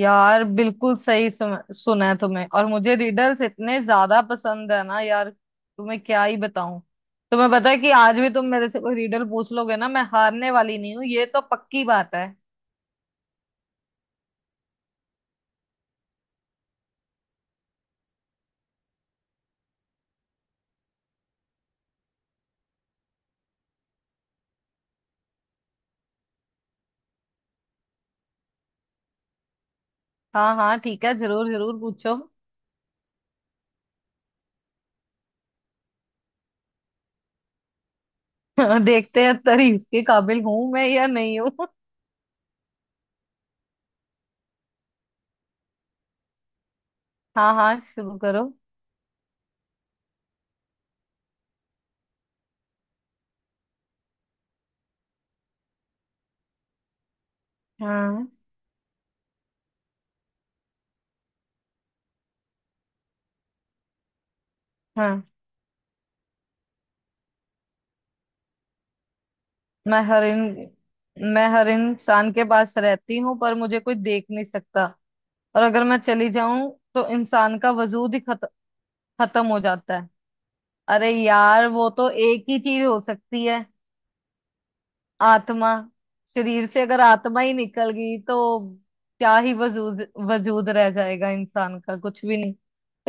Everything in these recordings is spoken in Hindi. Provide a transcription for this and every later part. यार बिल्कुल सही सुना है तुम्हें। और मुझे रिडल्स इतने ज्यादा पसंद है ना यार, तुम्हें क्या ही बताऊं। तुम्हें पता है कि आज भी तुम मेरे से कोई रिडल पूछ लोगे ना, मैं हारने वाली नहीं हूँ, ये तो पक्की बात है। हाँ हाँ, ठीक है, जरूर जरूर पूछो। देखते हैं तारीफ के काबिल हूं मैं या नहीं हूँ। हाँ हाँ, शुरू करो। हाँ हाँ। मैं हर इन मैं हर इंसान के पास रहती हूँ, पर मुझे कोई देख नहीं सकता। और अगर मैं चली जाऊं तो इंसान का वजूद ही खत्म हो जाता है। अरे यार, वो तो एक ही चीज हो सकती है। आत्मा। शरीर से अगर आत्मा ही निकल गई तो क्या ही वजूद वजूद रह जाएगा इंसान का, कुछ भी नहीं।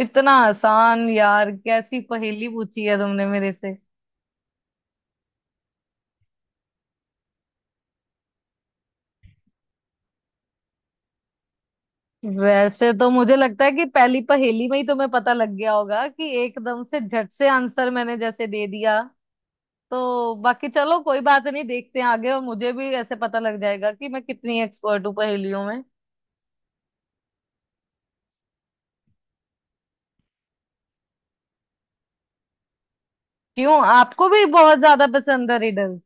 इतना आसान यार, कैसी पहेली पूछी है तुमने मेरे से। वैसे तो मुझे लगता है कि पहली पहेली में ही तुम्हें पता लग गया होगा कि एकदम से झट से आंसर मैंने जैसे दे दिया, तो बाकी चलो कोई बात नहीं। देखते हैं आगे, और मुझे भी ऐसे पता लग जाएगा कि मैं कितनी एक्सपर्ट हूँ पहेलियों में। क्यों, आपको भी बहुत ज्यादा पसंद है रिडल्स?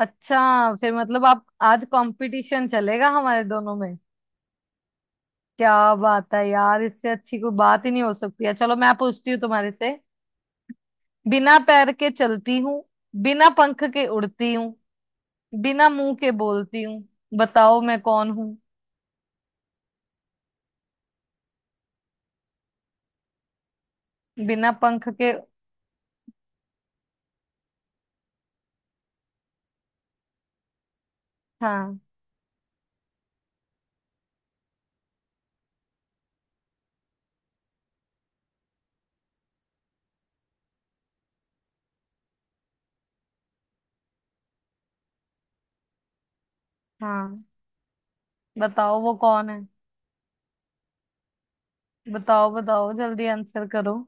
अच्छा, फिर मतलब आप आज कंपटीशन चलेगा हमारे दोनों में। क्या बात है यार, इससे अच्छी कोई बात ही नहीं हो सकती है। चलो, मैं पूछती हूँ तुम्हारे से। बिना पैर के चलती हूँ, बिना पंख के उड़ती हूँ, बिना मुंह के बोलती हूँ, बताओ मैं कौन हूँ। बिना पंख के। हाँ हाँ, बताओ वो कौन है। बताओ बताओ, जल्दी आंसर करो।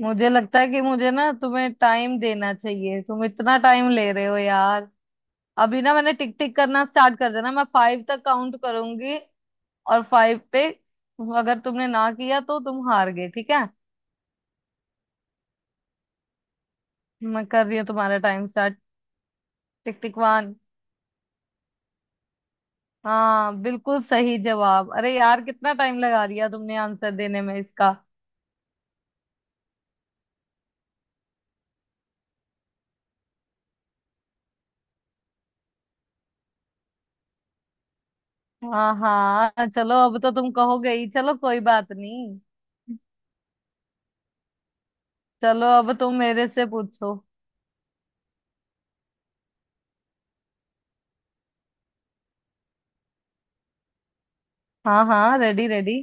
मुझे लगता है कि मुझे ना तुम्हें टाइम देना चाहिए, तुम इतना टाइम ले रहे हो यार। अभी ना मैंने टिक टिक करना स्टार्ट कर देना, मैं 5 तक काउंट करूंगी, और 5 पे अगर तुमने ना किया तो तुम हार गए, ठीक है। मैं कर रही हूँ तुम्हारा टाइम स्टार्ट। टिक टिक 1। हाँ बिल्कुल सही जवाब। अरे यार, कितना टाइम लगा दिया तुमने आंसर देने में इसका। हाँ हाँ, चलो अब तो तुम कहोगे ही, चलो कोई बात नहीं। चलो अब तुम मेरे से पूछो। हाँ हाँ, रेडी रेडी।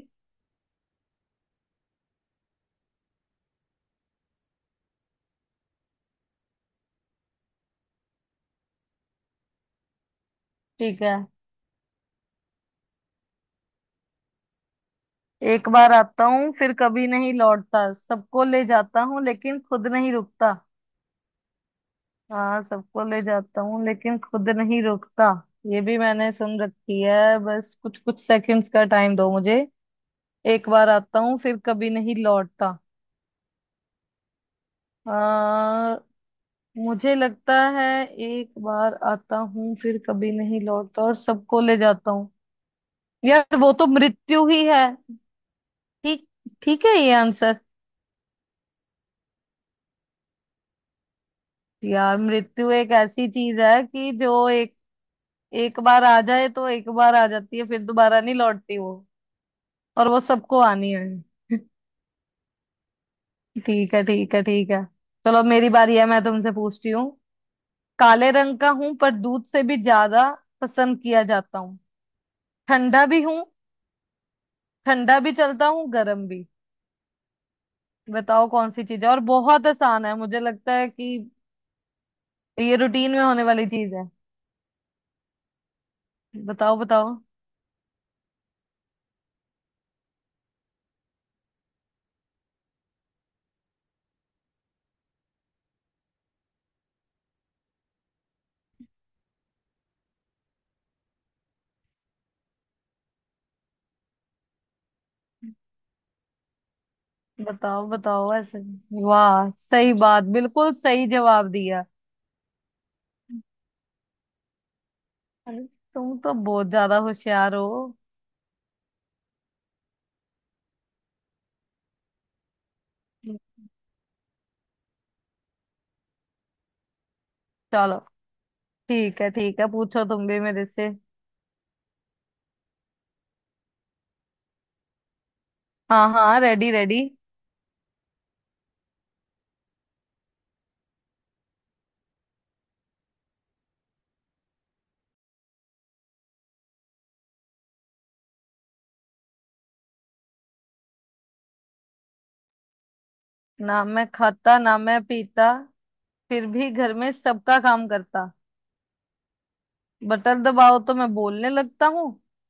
ठीक है। एक बार आता हूँ फिर कभी नहीं लौटता, सबको ले जाता हूँ लेकिन खुद नहीं रुकता। हाँ, सबको ले जाता हूँ लेकिन खुद नहीं रुकता। ये भी मैंने सुन रखी है, बस कुछ कुछ सेकंड्स का टाइम दो मुझे। एक बार आता हूँ फिर कभी नहीं लौटता। आ, मुझे लगता है, एक बार आता हूँ फिर कभी नहीं लौटता और सबको ले जाता हूँ। यार, वो तो मृत्यु ही है। ठीक, ठीक है ये आंसर। यार मृत्यु एक ऐसी चीज है कि जो एक, एक बार आ जाए तो एक बार आ जाती है, फिर दोबारा नहीं लौटती वो। और वो सबको आनी है। ठीक है ठीक है ठीक है। चलो अब मेरी बारी है, मैं तुमसे पूछती हूँ। काले रंग का हूं पर दूध से भी ज्यादा पसंद किया जाता हूँ। ठंडा भी हूँ, ठंडा भी चलता हूँ गर्म भी। बताओ कौन सी चीज है, और बहुत आसान है मुझे लगता है कि, ये रूटीन में होने वाली चीज है। बताओ बताओ। बताओ बताओ ऐसे। वाह, सही बात, बिल्कुल सही जवाब दिया। अरे, तुम तो बहुत ज्यादा होशियार हो। चलो ठीक है, ठीक है पूछो तुम भी मेरे से। हाँ हाँ, रेडी रेडी। ना मैं खाता ना मैं पीता, फिर भी घर में सबका काम करता। बटन दबाओ तो मैं बोलने लगता हूँ,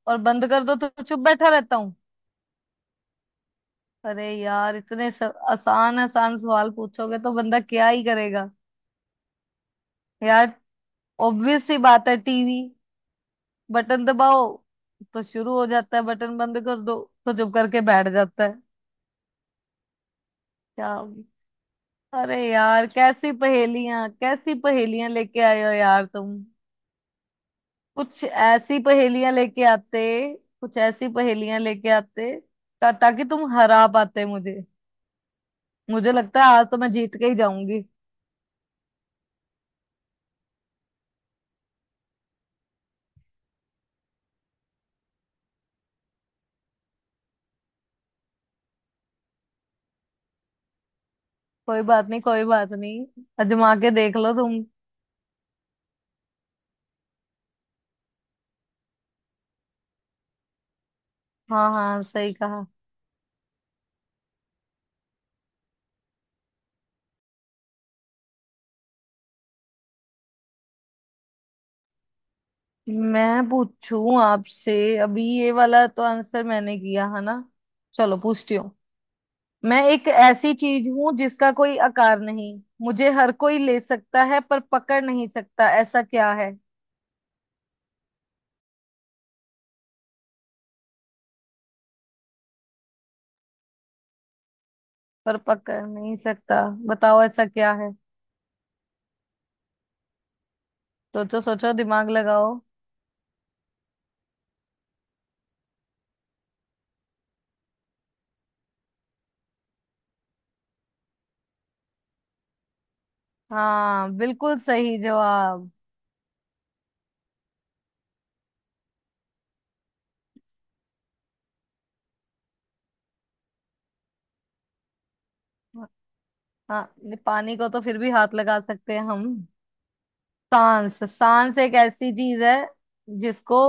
और बंद कर दो तो चुप बैठा रहता हूँ। अरे यार, इतने आसान आसान सवाल पूछोगे तो बंदा क्या ही करेगा यार। ऑब्वियस सी बात है, टीवी। बटन दबाओ तो शुरू हो जाता है, बटन बंद कर दो तो चुप करके बैठ जाता है। क्या? अरे यार, कैसी पहेलियां लेके आए हो यार तुम। कुछ ऐसी पहेलियां लेके आते, कुछ ऐसी पहेलियां लेके आते, ताकि तुम हरा पाते मुझे। मुझे लगता है आज तो मैं जीत के ही जाऊंगी। कोई बात नहीं कोई बात नहीं, आजमा के देख लो तुम। हाँ हाँ, सही कहा। मैं पूछूं आपसे? अभी ये वाला तो आंसर मैंने किया है ना। चलो पूछती हूँ। मैं एक ऐसी चीज हूं जिसका कोई आकार नहीं, मुझे हर कोई ले सकता है पर पकड़ नहीं सकता, ऐसा क्या है। पर पकड़ नहीं सकता। बताओ ऐसा क्या है। सोचो सोचो, दिमाग लगाओ। हाँ बिल्कुल सही जवाब। हाँ नहीं, पानी को तो फिर भी हाथ लगा सकते हैं हम। सांस, सांस एक ऐसी चीज है जिसको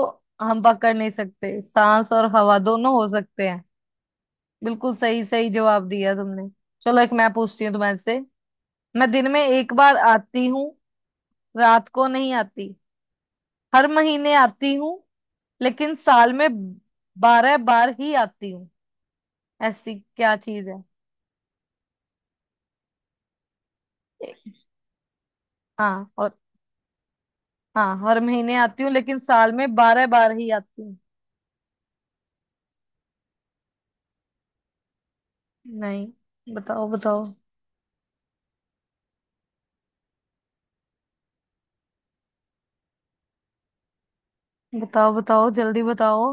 हम पकड़ नहीं सकते, सांस और हवा दोनों हो सकते हैं। बिल्कुल सही, सही जवाब दिया तुमने। चलो एक मैं पूछती हूँ तुम्हारे से। मैं दिन में एक बार आती हूँ, रात को नहीं आती। हर महीने आती हूँ लेकिन साल में 12 बार ही आती हूँ। ऐसी क्या चीज है। ए- हाँ, और हाँ, हर महीने आती हूँ लेकिन साल में बारह बार ही आती हूँ। नहीं, बताओ बताओ। बताओ बताओ जल्दी बताओ।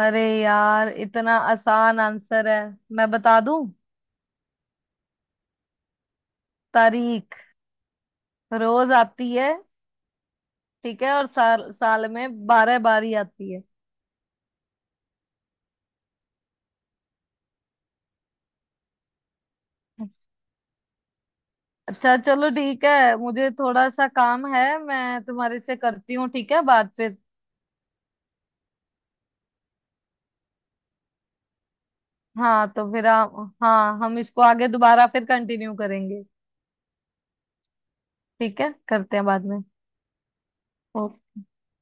अरे यार, इतना आसान आंसर है, मैं बता दूं। तारीख। रोज आती है। ठीक है, और साल, साल में 12 बार ही आती है। अच्छा चलो, ठीक है, मुझे थोड़ा सा काम है, मैं तुम्हारे से करती हूँ, ठीक है, बात फिर। हाँ तो फिर हाँ, हम इसको आगे दोबारा फिर कंटिन्यू करेंगे। ठीक है, करते हैं बाद में।